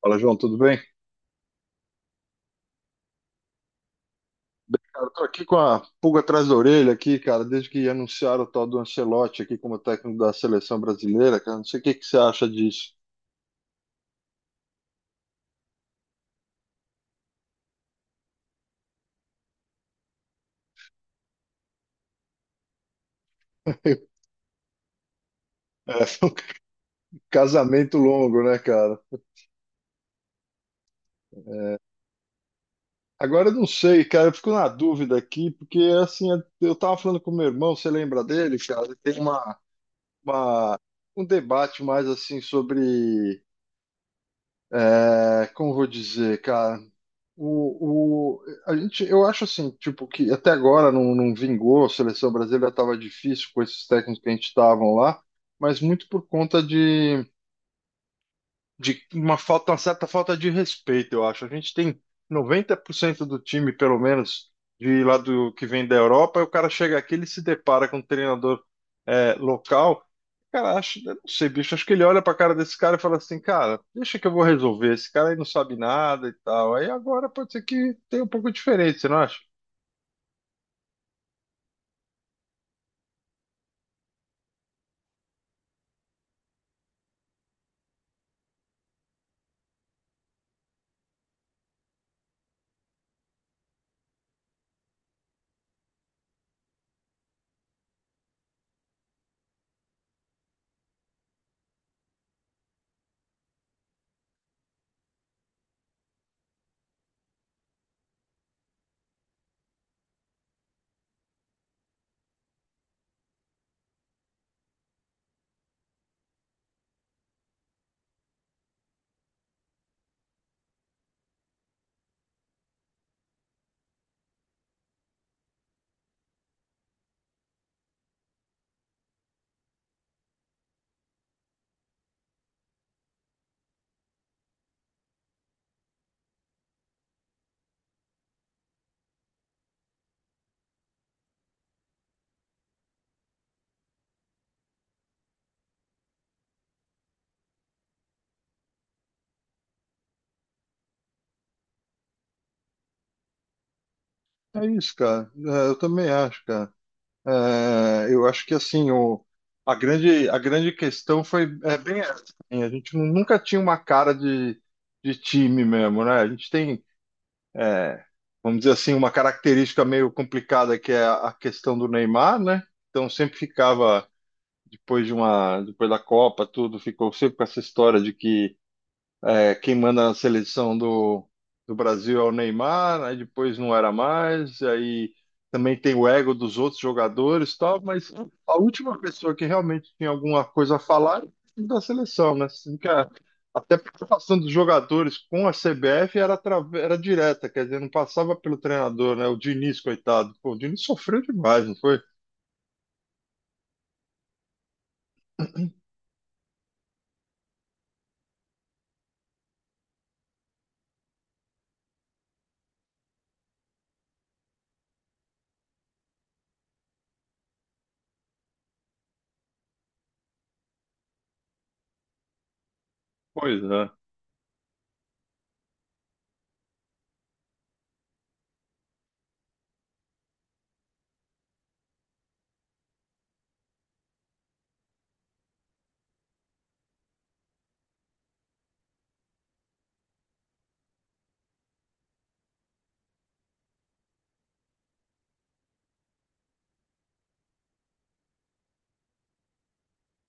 Fala, João, tudo bem? Bem, cara, eu tô aqui com a pulga atrás da orelha aqui, cara, desde que anunciaram o tal do Ancelotti aqui como técnico da seleção brasileira, cara, não sei o que que você acha disso. É, foi um casamento longo, né, cara? Agora eu não sei, cara, eu fico na dúvida aqui, porque assim, eu tava falando com meu irmão, você lembra dele, cara? Ele tem uma- um debate mais assim sobre, como eu vou dizer, cara? A gente, eu acho assim, tipo, que até agora não vingou, a seleção brasileira estava difícil com esses técnicos que a gente estavam lá, mas muito por conta de uma falta, uma certa falta de respeito, eu acho. A gente tem 90% do time, pelo menos, de lá do que vem da Europa, e o cara chega aqui, ele se depara com um treinador local. Cara, acho, eu não sei, bicho, acho que ele olha pra cara desse cara e fala assim, cara, deixa que eu vou resolver, esse cara aí não sabe nada e tal. Aí agora pode ser que tenha um pouco de diferença, você não acha? É isso, cara. É, eu também acho, cara. É, eu acho que assim a grande questão foi bem essa. Assim, a gente nunca tinha uma cara de time mesmo, né? A gente tem é, vamos dizer assim uma característica meio complicada que é a questão do Neymar, né? Então sempre ficava depois de uma depois da Copa, tudo ficou sempre com essa história de que quem manda na seleção do Brasil é o Neymar, aí depois não era mais, e aí também tem o ego dos outros jogadores e tal, mas a última pessoa que realmente tinha alguma coisa a falar era da seleção, né? Assim que até a preocupação dos jogadores com a CBF era, era direta, quer dizer, não passava pelo treinador, né? O Diniz, coitado. Pô, o Diniz sofreu demais, não foi? Pois é.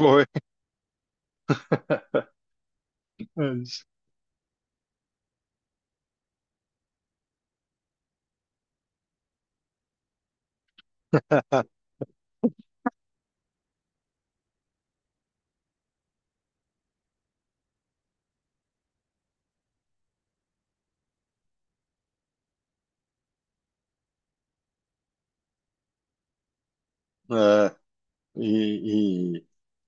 Foi. É. E,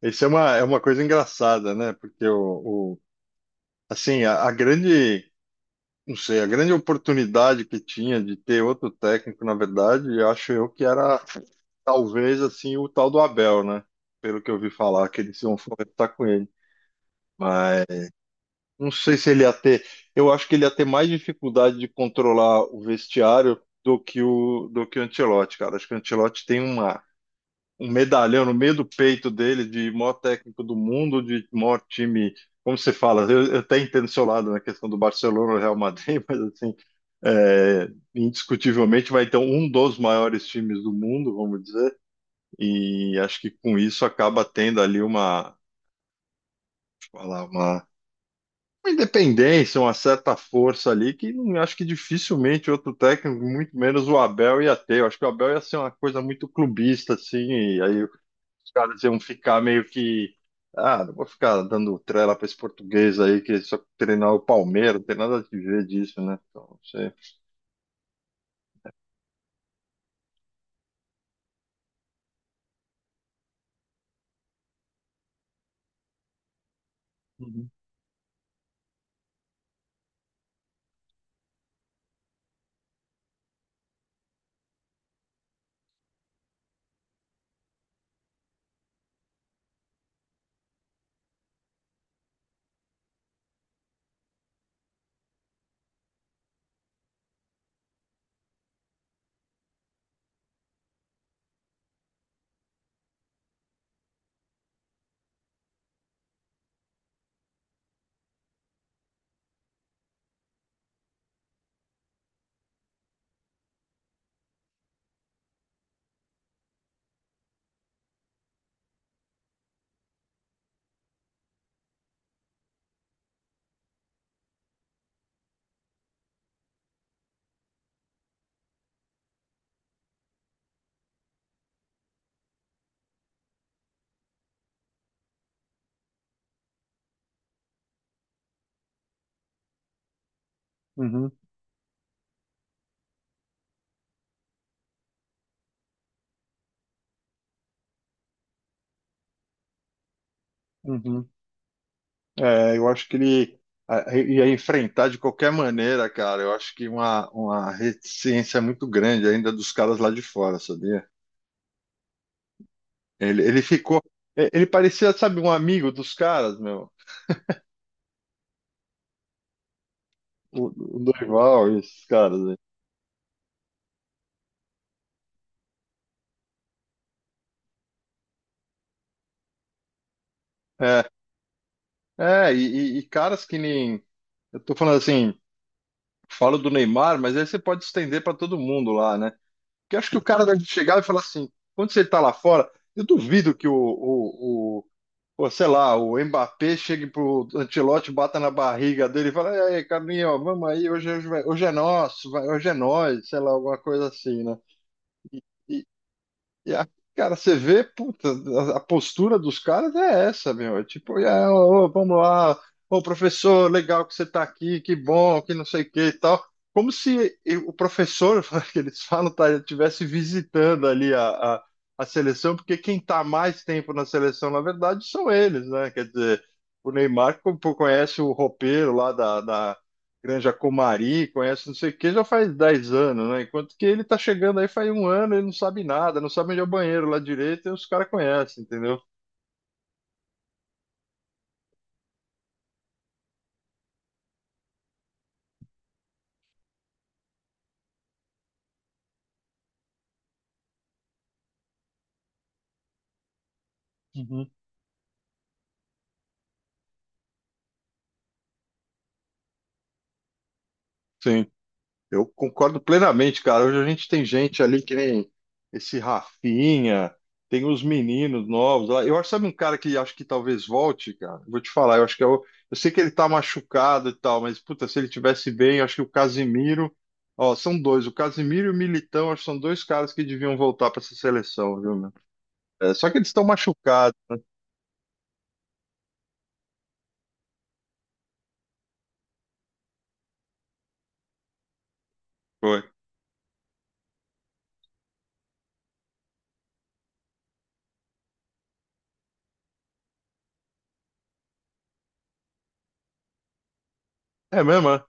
e isso é é uma coisa engraçada, né? Porque assim, não sei, a grande oportunidade que tinha de ter outro técnico, na verdade, eu acho eu que era talvez assim o tal do Abel, né? Pelo que eu ouvi falar, que eles iam conversar com ele. Mas não sei se ele ia ter, eu acho que ele ia ter mais dificuldade de controlar o vestiário do que o Ancelotti, cara. Acho que o Ancelotti tem uma um medalhão no meio do peito dele de maior técnico do mundo, de maior time. Como você fala, eu até entendo o seu lado na questão do Barcelona e Real Madrid, mas assim, é, indiscutivelmente vai ter um dos maiores times do mundo, vamos dizer, e acho que com isso acaba tendo ali falar, uma, uma independência, uma certa força ali, que não acho que dificilmente outro técnico, muito menos o Abel, ia ter. Eu acho que o Abel ia ser uma coisa muito clubista, assim, e aí os caras iam ficar meio que. Ah, não vou ficar dando trela pra esse português aí que só treinar o Palmeiras, não tem nada a ver disso, né? Então, não sei. Uhum, uhum, uhum. É, eu acho que ele ia enfrentar de qualquer maneira, cara. Eu acho que uma reticência muito grande ainda dos caras lá de fora, sabia? Ele ficou. Ele parecia, sabe, um amigo dos caras, meu. O, o Dorival e esses caras aí. É, e caras que nem. Eu tô falando assim. Falo do Neymar, mas aí você pode estender para todo mundo lá, né? Porque acho que o cara deve chegar e falar assim, quando você está lá fora, eu duvido que pô, sei lá, o Mbappé chegue pro Ancelotti, bata na barriga dele e fala, "E aí, Carlinhos, vamos aí, hoje, hoje, hoje é nosso, vai, hoje é nós", sei lá, alguma coisa assim, né? E a- cara, você vê, puta, a postura dos caras é essa, meu. É tipo, é, ô, ô, vamos lá, ô professor, legal que você tá aqui, que bom, que não sei o que e tal. Como se e- o professor, que eles falam, tá, ele estivesse visitando ali a seleção, porque quem tá mais tempo na seleção, na verdade, são eles, né? Quer dizer, o Neymar conhece o roupeiro lá da Granja Comari, conhece não sei o que, já faz 10 anos, né? Enquanto que ele tá chegando aí faz um ano, ele não sabe nada, não sabe onde é o banheiro lá direito, e os caras conhecem, entendeu? Uhum. Sim. Eu concordo plenamente, cara. Hoje a gente tem gente ali que nem esse Rafinha, tem os meninos novos lá. Eu acho, sabe um cara que acho que talvez volte, cara? Vou te falar, eu acho que é eu sei que ele tá machucado e tal, mas puta, se ele tivesse bem, eu acho que o Casimiro, ó, são dois, o Casimiro e o Militão, acho que são dois caras que deviam voltar pra essa seleção, viu, meu? É, só que eles estão machucados. Foi. É mesmo, é?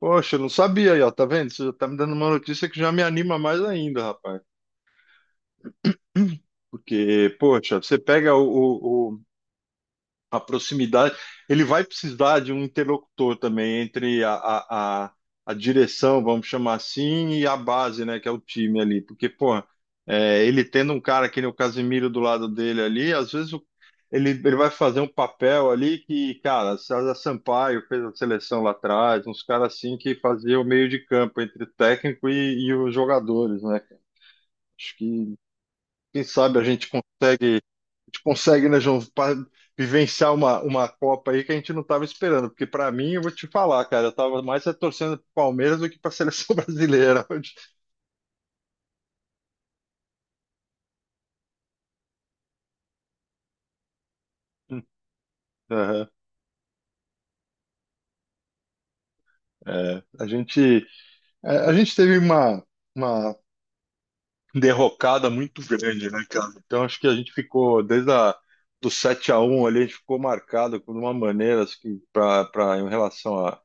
Poxa, eu não sabia aí, ó, tá vendo? Você já tá me dando uma notícia que já me anima mais ainda, rapaz. Porque, poxa, você pega a proximidade, ele vai precisar de um interlocutor também entre a direção, vamos chamar assim, e a base, né, que é o time ali. Porque, pô, é, ele tendo um cara que nem o Casemiro do lado dele ali, às vezes ele vai fazer um papel ali que, cara, César Sampaio fez a seleção lá atrás, uns caras assim que faziam o meio de campo entre o técnico e os jogadores, né? Acho que, quem sabe a gente consegue, né, João, vivenciar uma Copa aí que a gente não estava esperando. Porque para mim, eu vou te falar, cara, eu estava mais é torcendo pro Palmeiras do que para a seleção brasileira. Aham, é. A gente teve uma derrocada muito grande, né, cara? Então acho que a gente ficou desde do 7-1 ali, a gente ficou marcado de uma maneira assim, em relação a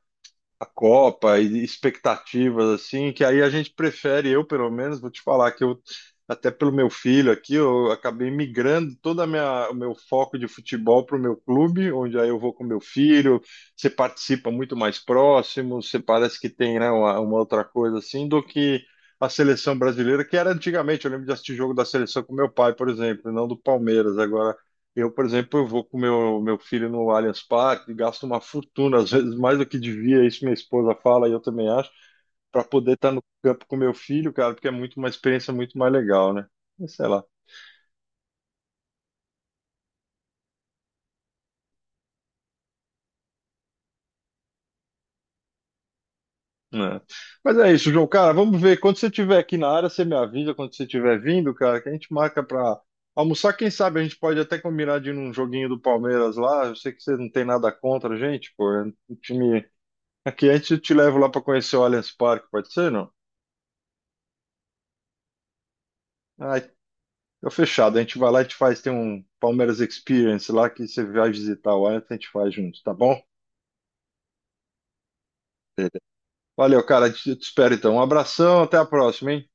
Copa e expectativas assim, que aí a gente prefere, eu pelo menos, vou te falar que eu até pelo meu filho aqui, eu acabei migrando toda a minha, o meu foco de futebol para o meu clube, onde aí eu vou com meu filho, você participa muito mais próximo, você parece que tem, né, uma outra coisa assim, do que a seleção brasileira, que era antigamente, eu lembro de assistir jogo da seleção com meu pai, por exemplo, e não do Palmeiras. Agora, eu, por exemplo, eu vou com meu filho no Allianz Parque, gasto uma fortuna, às vezes mais do que devia, isso minha esposa fala e eu também acho, para poder estar no campo com meu filho, cara, porque é muito uma experiência muito mais legal, né? Mas sei lá. Né? Mas é isso, João, cara, vamos ver. Quando você estiver aqui na área, você me avisa quando você estiver vindo, cara, que a gente marca para almoçar. Quem sabe a gente pode até combinar de ir num joguinho do Palmeiras lá. Eu sei que você não tem nada contra a gente, pô. É um time... Aqui a gente te leva lá para conhecer o Allianz Parque, pode ser, não? Ah, fica fechado. A gente vai lá e te faz. Tem um Palmeiras Experience lá que você vai visitar o Allianz, a gente faz junto, tá bom? Beleza. Valeu, cara. Eu te espero então. Um abração, até a próxima, hein?